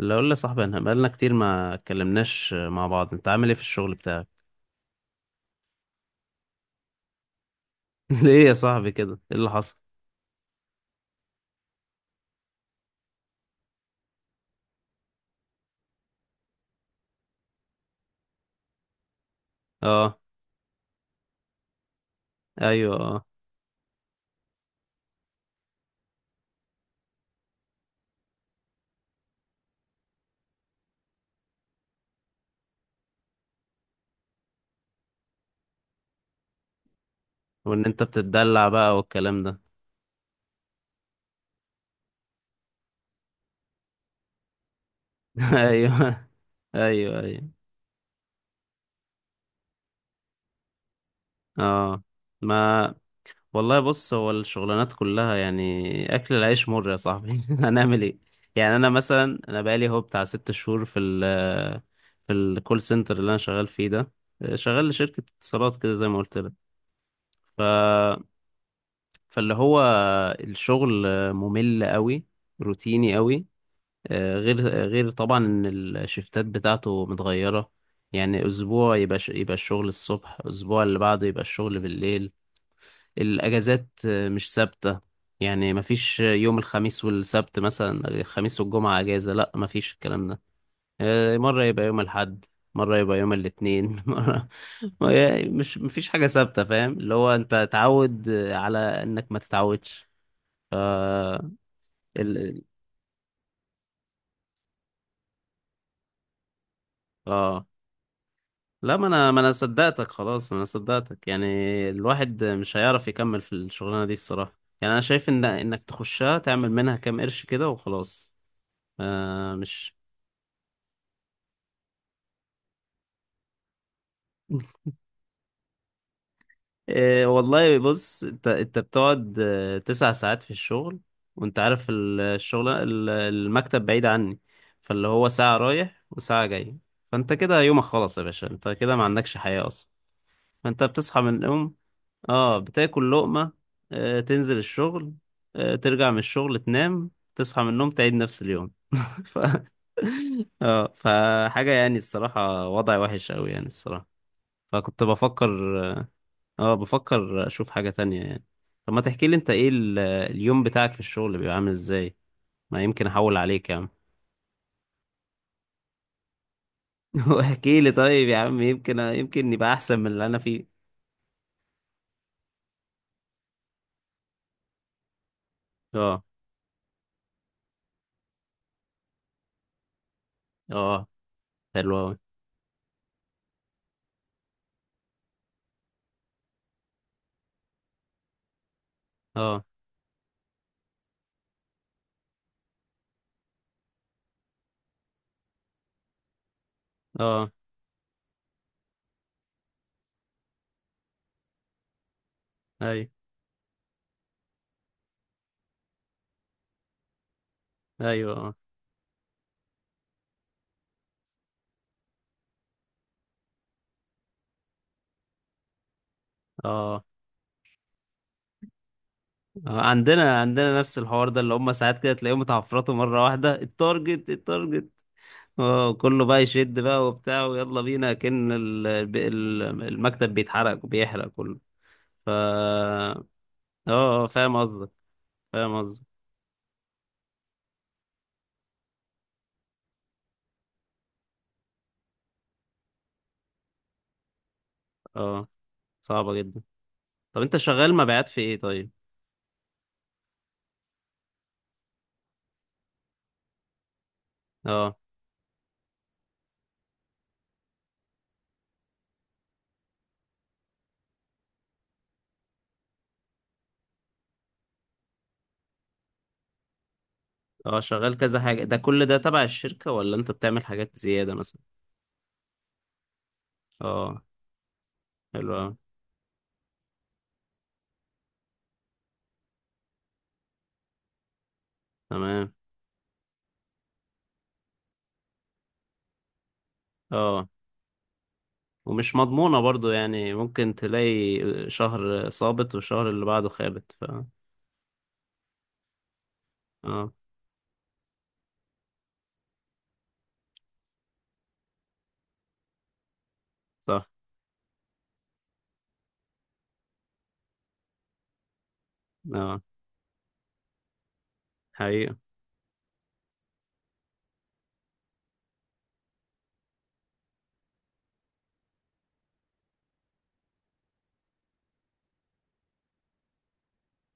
اللي اقول لي صاحبي، انا بقالنا كتير ما اتكلمناش مع بعض. انت عامل ايه في الشغل بتاعك؟ ليه يا صاحبي كده، ايه اللي حصل؟ اه، ايوه اه. وان انت بتتدلع بقى والكلام ده؟ ايوه، ايوه، ايوه اه. ما والله بص، هو الشغلانات كلها يعني اكل العيش مر يا صاحبي. هنعمل ايه؟ يعني انا مثلا بقالي هو بتاع 6 شهور في ال في الكول سنتر اللي انا شغال فيه ده، شغال لشركة اتصالات كده زي ما قلت لك. فاللي هو الشغل ممل قوي، روتيني قوي، غير غير طبعا ان الشفتات بتاعته متغيرة. يعني اسبوع يبقى يبقى الشغل الصبح، اسبوع اللي بعده يبقى الشغل بالليل. الاجازات مش ثابتة، يعني مفيش يوم الخميس والسبت مثلا، الخميس والجمعة اجازة، لا، مفيش الكلام ده. مرة يبقى يوم الاحد، مرة يبقى يوم الاثنين، مرة ما هي مش، مفيش حاجة ثابتة، فاهم؟ اللي هو انت تعود على انك ما تتعودش. آه. ال... ال- اه، لا، ما انا صدقتك خلاص، انا صدقتك يعني. الواحد مش هيعرف يكمل في الشغلانه دي الصراحه. يعني انا شايف ان انك تخشها، تعمل منها كام قرش كده وخلاص. آه مش إيه والله بص، انت بتقعد 9 ساعات في الشغل، وانت عارف الشغل المكتب بعيد عني، فاللي هو ساعة رايح وساعة جاي، فانت كده يومك خلص يا باشا، انت كده ما عندكش حياة. فانت بتصحى من النوم، اه، بتاكل لقمة، آه، تنزل الشغل، آه، ترجع من الشغل، تنام، تصحى من النوم، تعيد نفس اليوم. ف... اه، فحاجة يعني الصراحة وضع وحش قوي يعني الصراحة. فكنت بفكر، اه، بفكر اشوف حاجة تانية يعني. طب ما تحكي لي انت ايه اليوم بتاعك في الشغل بيبقى عامل ازاي؟ ما يمكن احول عليك يا عم. واحكي لي طيب يا عم، يمكن يمكن يبقى احسن من اللي انا فيه. اه اه، حلو قوي. اه اه، ايوه ايوه اه. عندنا عندنا نفس الحوار ده، اللي هم ساعات كده تلاقيهم اتعفرطوا مره واحده، التارجت التارجت، اه، كله بقى يشد بقى وبتاع ويلا بينا، كأن المكتب بيتحرق وبيحرق كله. ف اه آه، فاهم قصدك، فاهم قصدك. اه، صعبه جدا. طب انت شغال مبيعات في ايه طيب؟ اه اه، شغال كذا حاجه، ده كل ده تبع الشركه ولا انت بتعمل حاجات زياده مثلا؟ اه، حلو أوي. تمام. اه، ومش مضمونة برضو يعني، ممكن تلاقي شهر صابت والشهر اللي بعده خابت. ف اه، صح. اه، حقيقة.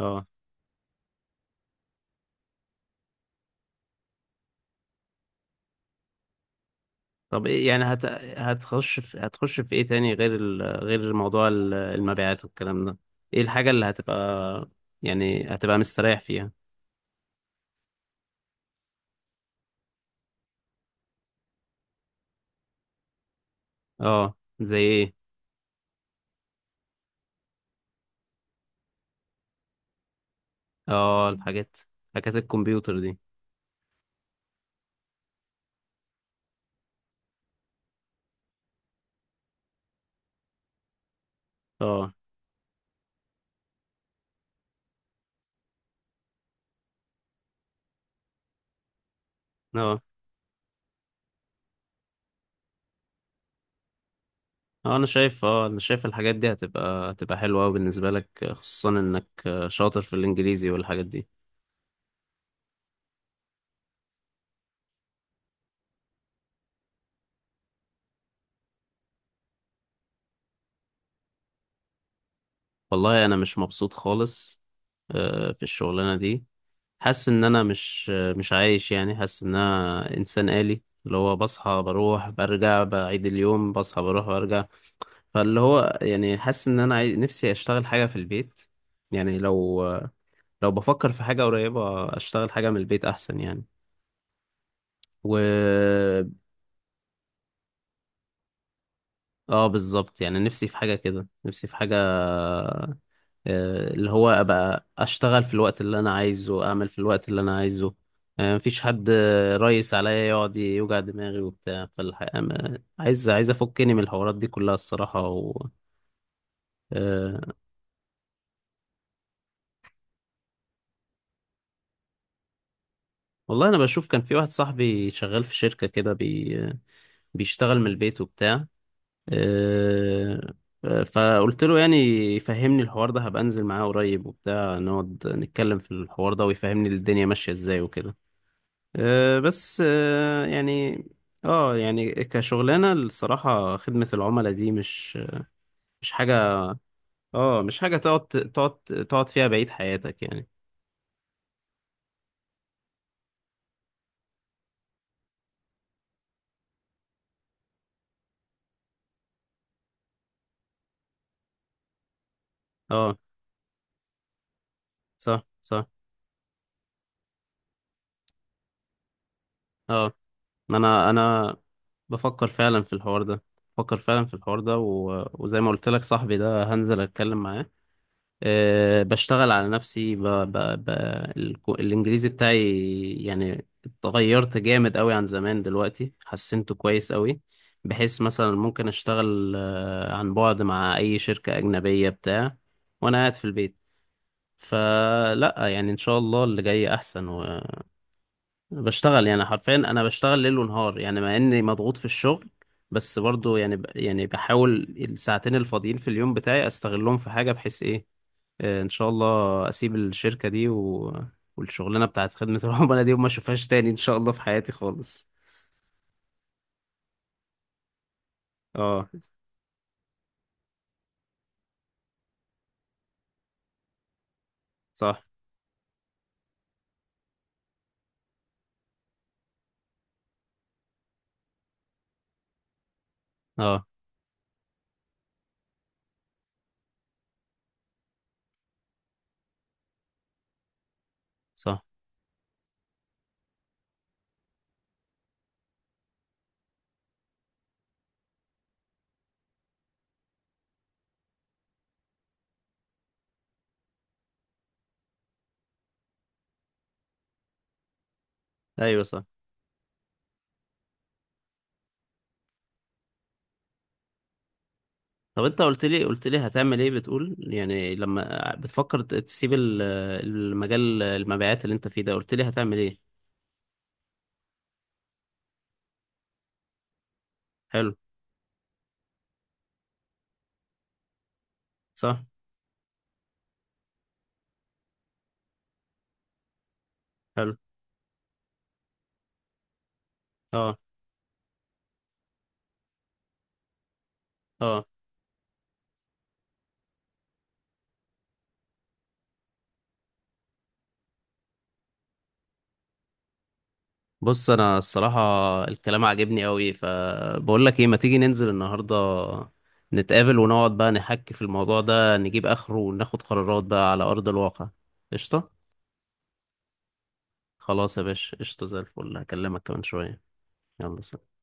اه، طب ايه يعني هتخش في ايه تاني غير غير موضوع المبيعات والكلام ده؟ ايه الحاجة اللي هتبقى يعني هتبقى مستريح فيها؟ اه، زي ايه؟ اه، الحاجات، حاجات الكمبيوتر دي. اه اه، اه انا شايف، اه انا شايف الحاجات دي هتبقى هتبقى حلوة أوي بالنسبة لك، خصوصا انك شاطر في الانجليزي والحاجات دي. والله انا مش مبسوط خالص في الشغلانه دي. حاسس ان انا مش مش عايش يعني، حاسس ان انا انسان آلي، اللي هو بصحى، بروح، برجع، بعيد اليوم، بصحى، بروح، برجع. فاللي هو يعني حاسس ان انا نفسي اشتغل حاجه في البيت. يعني لو لو بفكر في حاجه قريبه، اشتغل حاجه من البيت احسن يعني. و اه، بالظبط، يعني نفسي في حاجه كده، نفسي في حاجه اللي هو ابقى اشتغل في الوقت اللي انا عايزه، اعمل في الوقت اللي انا عايزه، مفيش حد ريس عليا يقعد يوجع دماغي وبتاع. فالحقيقة عايز افكني من الحوارات دي كلها الصراحة آه، والله انا بشوف كان في واحد صاحبي شغال في شركة كده بيشتغل من البيت وبتاع. آه، آه، فقلت له يعني يفهمني الحوار ده، هبقى انزل معاه قريب وبتاع، نقعد نتكلم في الحوار ده، ويفهمني الدنيا ماشية ازاي وكده. أه، بس أه، يعني اه يعني كشغلانة الصراحة، خدمة العملاء دي مش مش حاجة. اه، مش حاجة تقعد تقعد تقعد فيها بقية حياتك يعني. اه، صح صح. اه، ما انا بفكر فعلا في الحوار ده، بفكر فعلا في الحوار ده، وزي ما قلت لك، صاحبي ده هنزل اتكلم معاه. أه بشتغل على نفسي، ب... الإنجليزي بتاعي يعني اتغيرت جامد قوي عن زمان، دلوقتي حسنته كويس قوي، بحيث مثلا ممكن أشتغل عن بعد مع أي شركة أجنبية بتاع وأنا قاعد في البيت. فلا يعني إن شاء الله اللي جاي أحسن. وبشتغل يعني حرفيا، أنا بشتغل ليل ونهار يعني، مع إني مضغوط في الشغل، بس برضو يعني يعني بحاول الساعتين الفاضيين في اليوم بتاعي أستغلهم في حاجة، بحيث إيه ان شاء الله اسيب الشركة دي والشغلانة بتاعت خدمة العملاء دي وما اشوفهاش تاني ان شاء الله في حياتي خالص. اه صح، اه صح، ايوه صح. طب انت قلت لي، قلت لي هتعمل ايه؟ بتقول يعني لما بتفكر تسيب المجال المبيعات اللي انت فيه ده، قلت لي هتعمل ايه؟ حلو. صح. حلو. اه اه، بص انا الصراحه الكلام عجبني قوي، فبقول لك ايه، ما تيجي ننزل النهارده نتقابل، ونقعد بقى نحكي في الموضوع ده، نجيب اخره وناخد قرارات بقى على ارض الواقع. قشطه. خلاص يا باشا، قشطه زي الفل، هكلمك كمان شويه. يلا سلام.